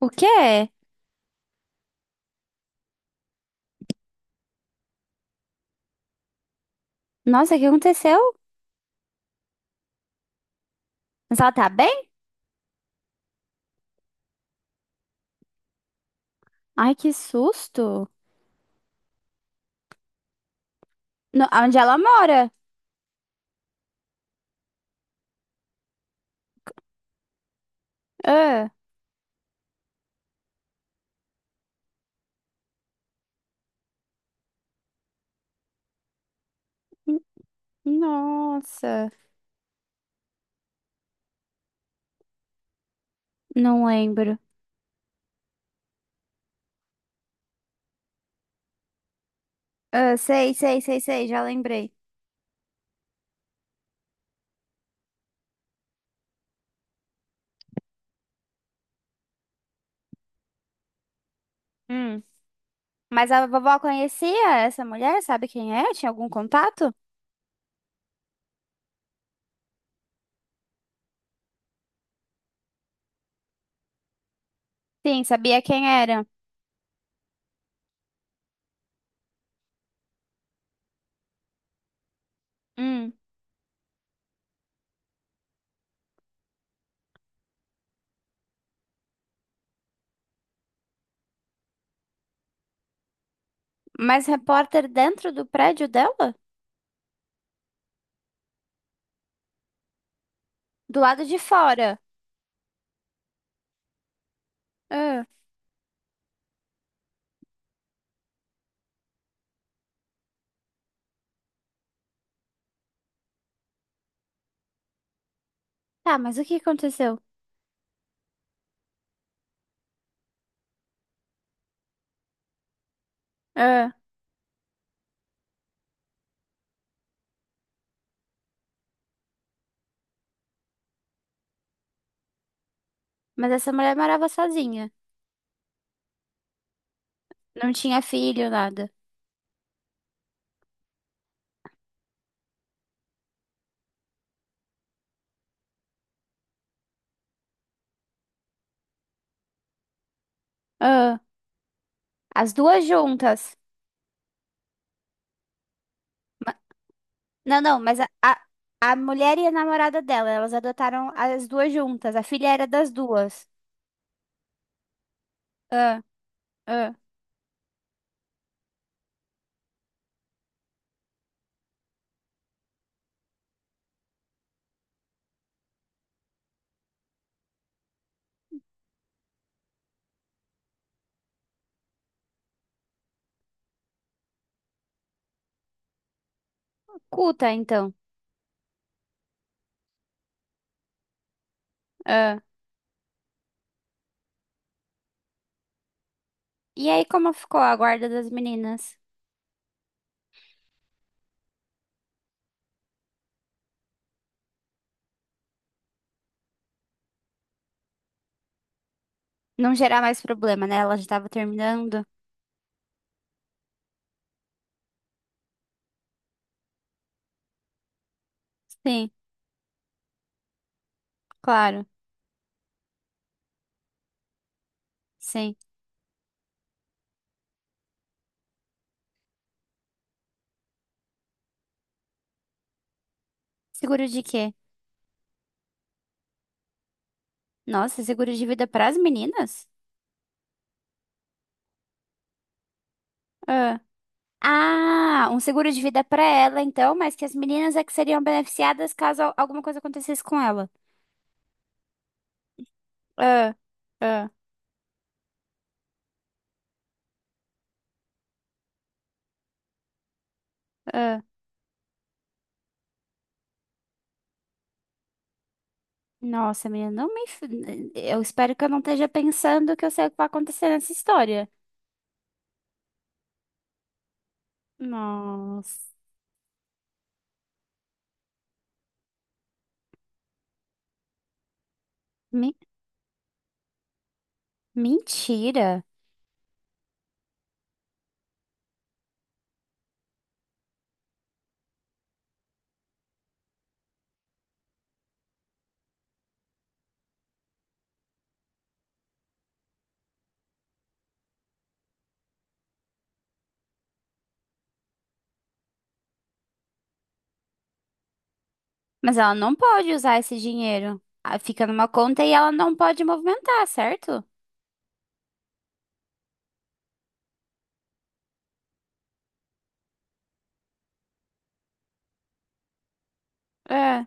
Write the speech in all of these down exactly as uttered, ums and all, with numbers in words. O quê? Nossa, o que aconteceu? Mas ela tá bem? Ai, que susto. No- onde ela mora? Ah, n- nossa. Não lembro. Ah, sei, sei, sei, sei, já lembrei. Hum. Mas a vovó conhecia essa mulher? Sabe quem é? Tinha algum contato? Sim, sabia quem era. Hum. Mas repórter dentro do prédio dela? Do lado de fora. Ah. Tá, mas o que aconteceu? Ah. Mas essa mulher morava sozinha. Não tinha filho, nada. Ah. As duas juntas. Ma- não, não, mas a, a, a mulher e a namorada dela, elas adotaram as duas juntas. A filha era das duas. Ah, ah. Culta, então. Ah. E aí, como ficou a guarda das meninas? Não gerar mais problema, né? Ela já tava terminando. Sim, claro. Sim. Seguro de quê? Nossa, seguro de vida para as meninas? Ah. Ah, um seguro de vida para ela, então, mas que as meninas é que seriam beneficiadas caso al- alguma coisa acontecesse com ela. Ah, ah. Ah, nossa, menina, não me. Enf- eu espero que eu não esteja pensando que eu sei o que vai acontecer nessa história. Nossa. Me- mentira. Mas ela não pode usar esse dinheiro. Ah, fica numa conta e ela não pode movimentar, certo? É.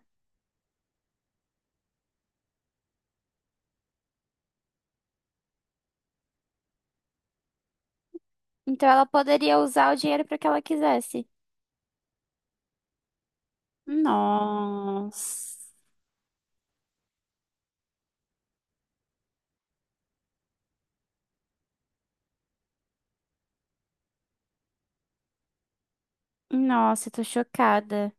Então ela poderia usar o dinheiro para que ela quisesse. Nossa. Nossa, eu tô chocada.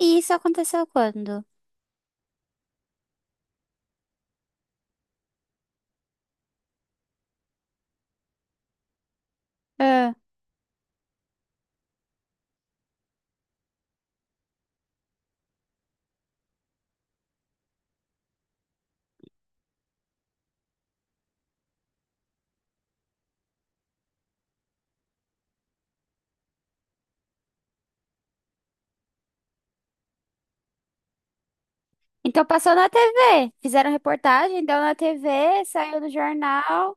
E isso aconteceu quando? É. Então passou na T V. Fizeram reportagem, deu na T V, saiu no jornal.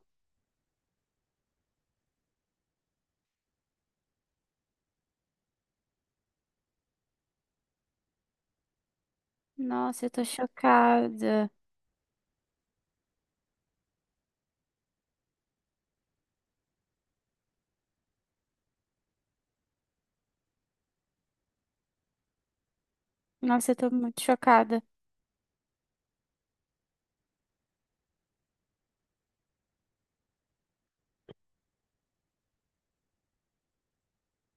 Nossa, eu tô chocada. Nossa, eu tô muito chocada.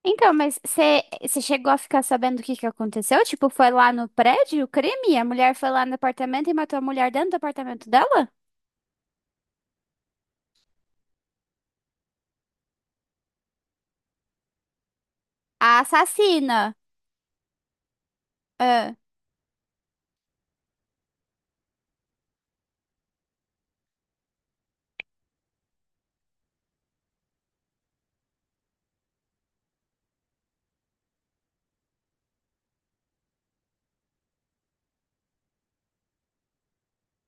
Então, mas você você chegou a ficar sabendo o que que aconteceu? Tipo, foi lá no prédio o crime? A mulher foi lá no apartamento e matou a mulher dentro do apartamento dela? A assassina, ah,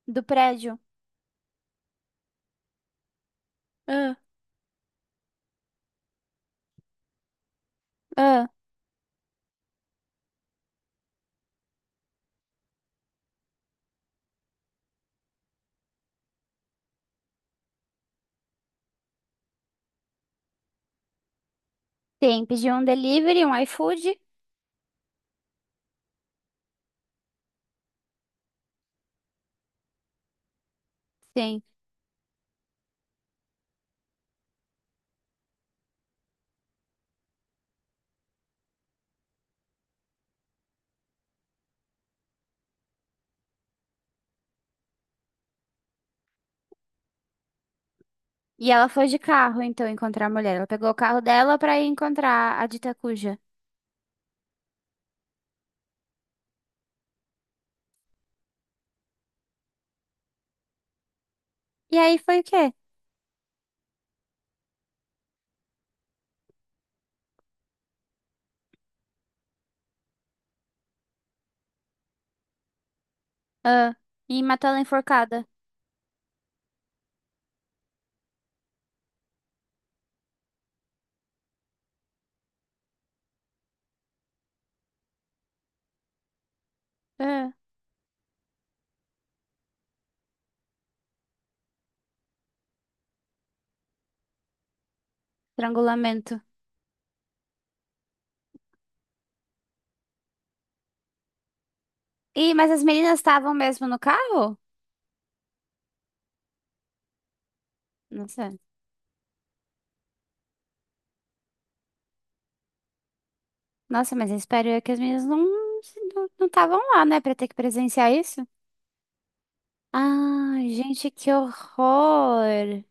do prédio. Ah, ah, sim, pediu um delivery, um iFood. Sim. E ela foi de carro, então, encontrar a mulher. Ela pegou o carro dela pra ir encontrar a dita cuja. E aí foi o quê? Ah, e matou ela enforcada. Ah, estrangulamento. Ih, mas as meninas estavam mesmo no carro? Nossa, nossa, mas eu espero eu que as meninas não não não estavam lá, né, pra ter que presenciar isso. Ah, gente, que horror!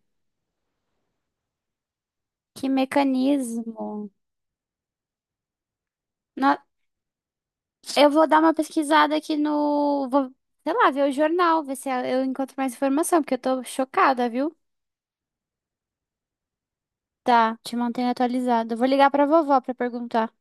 Que mecanismo! No- eu vou dar uma pesquisada aqui no, vou, sei lá, ver o jornal, ver se eu encontro mais informação, porque eu tô chocada, viu? Tá, te mantenho atualizada. Vou ligar pra vovó pra perguntar.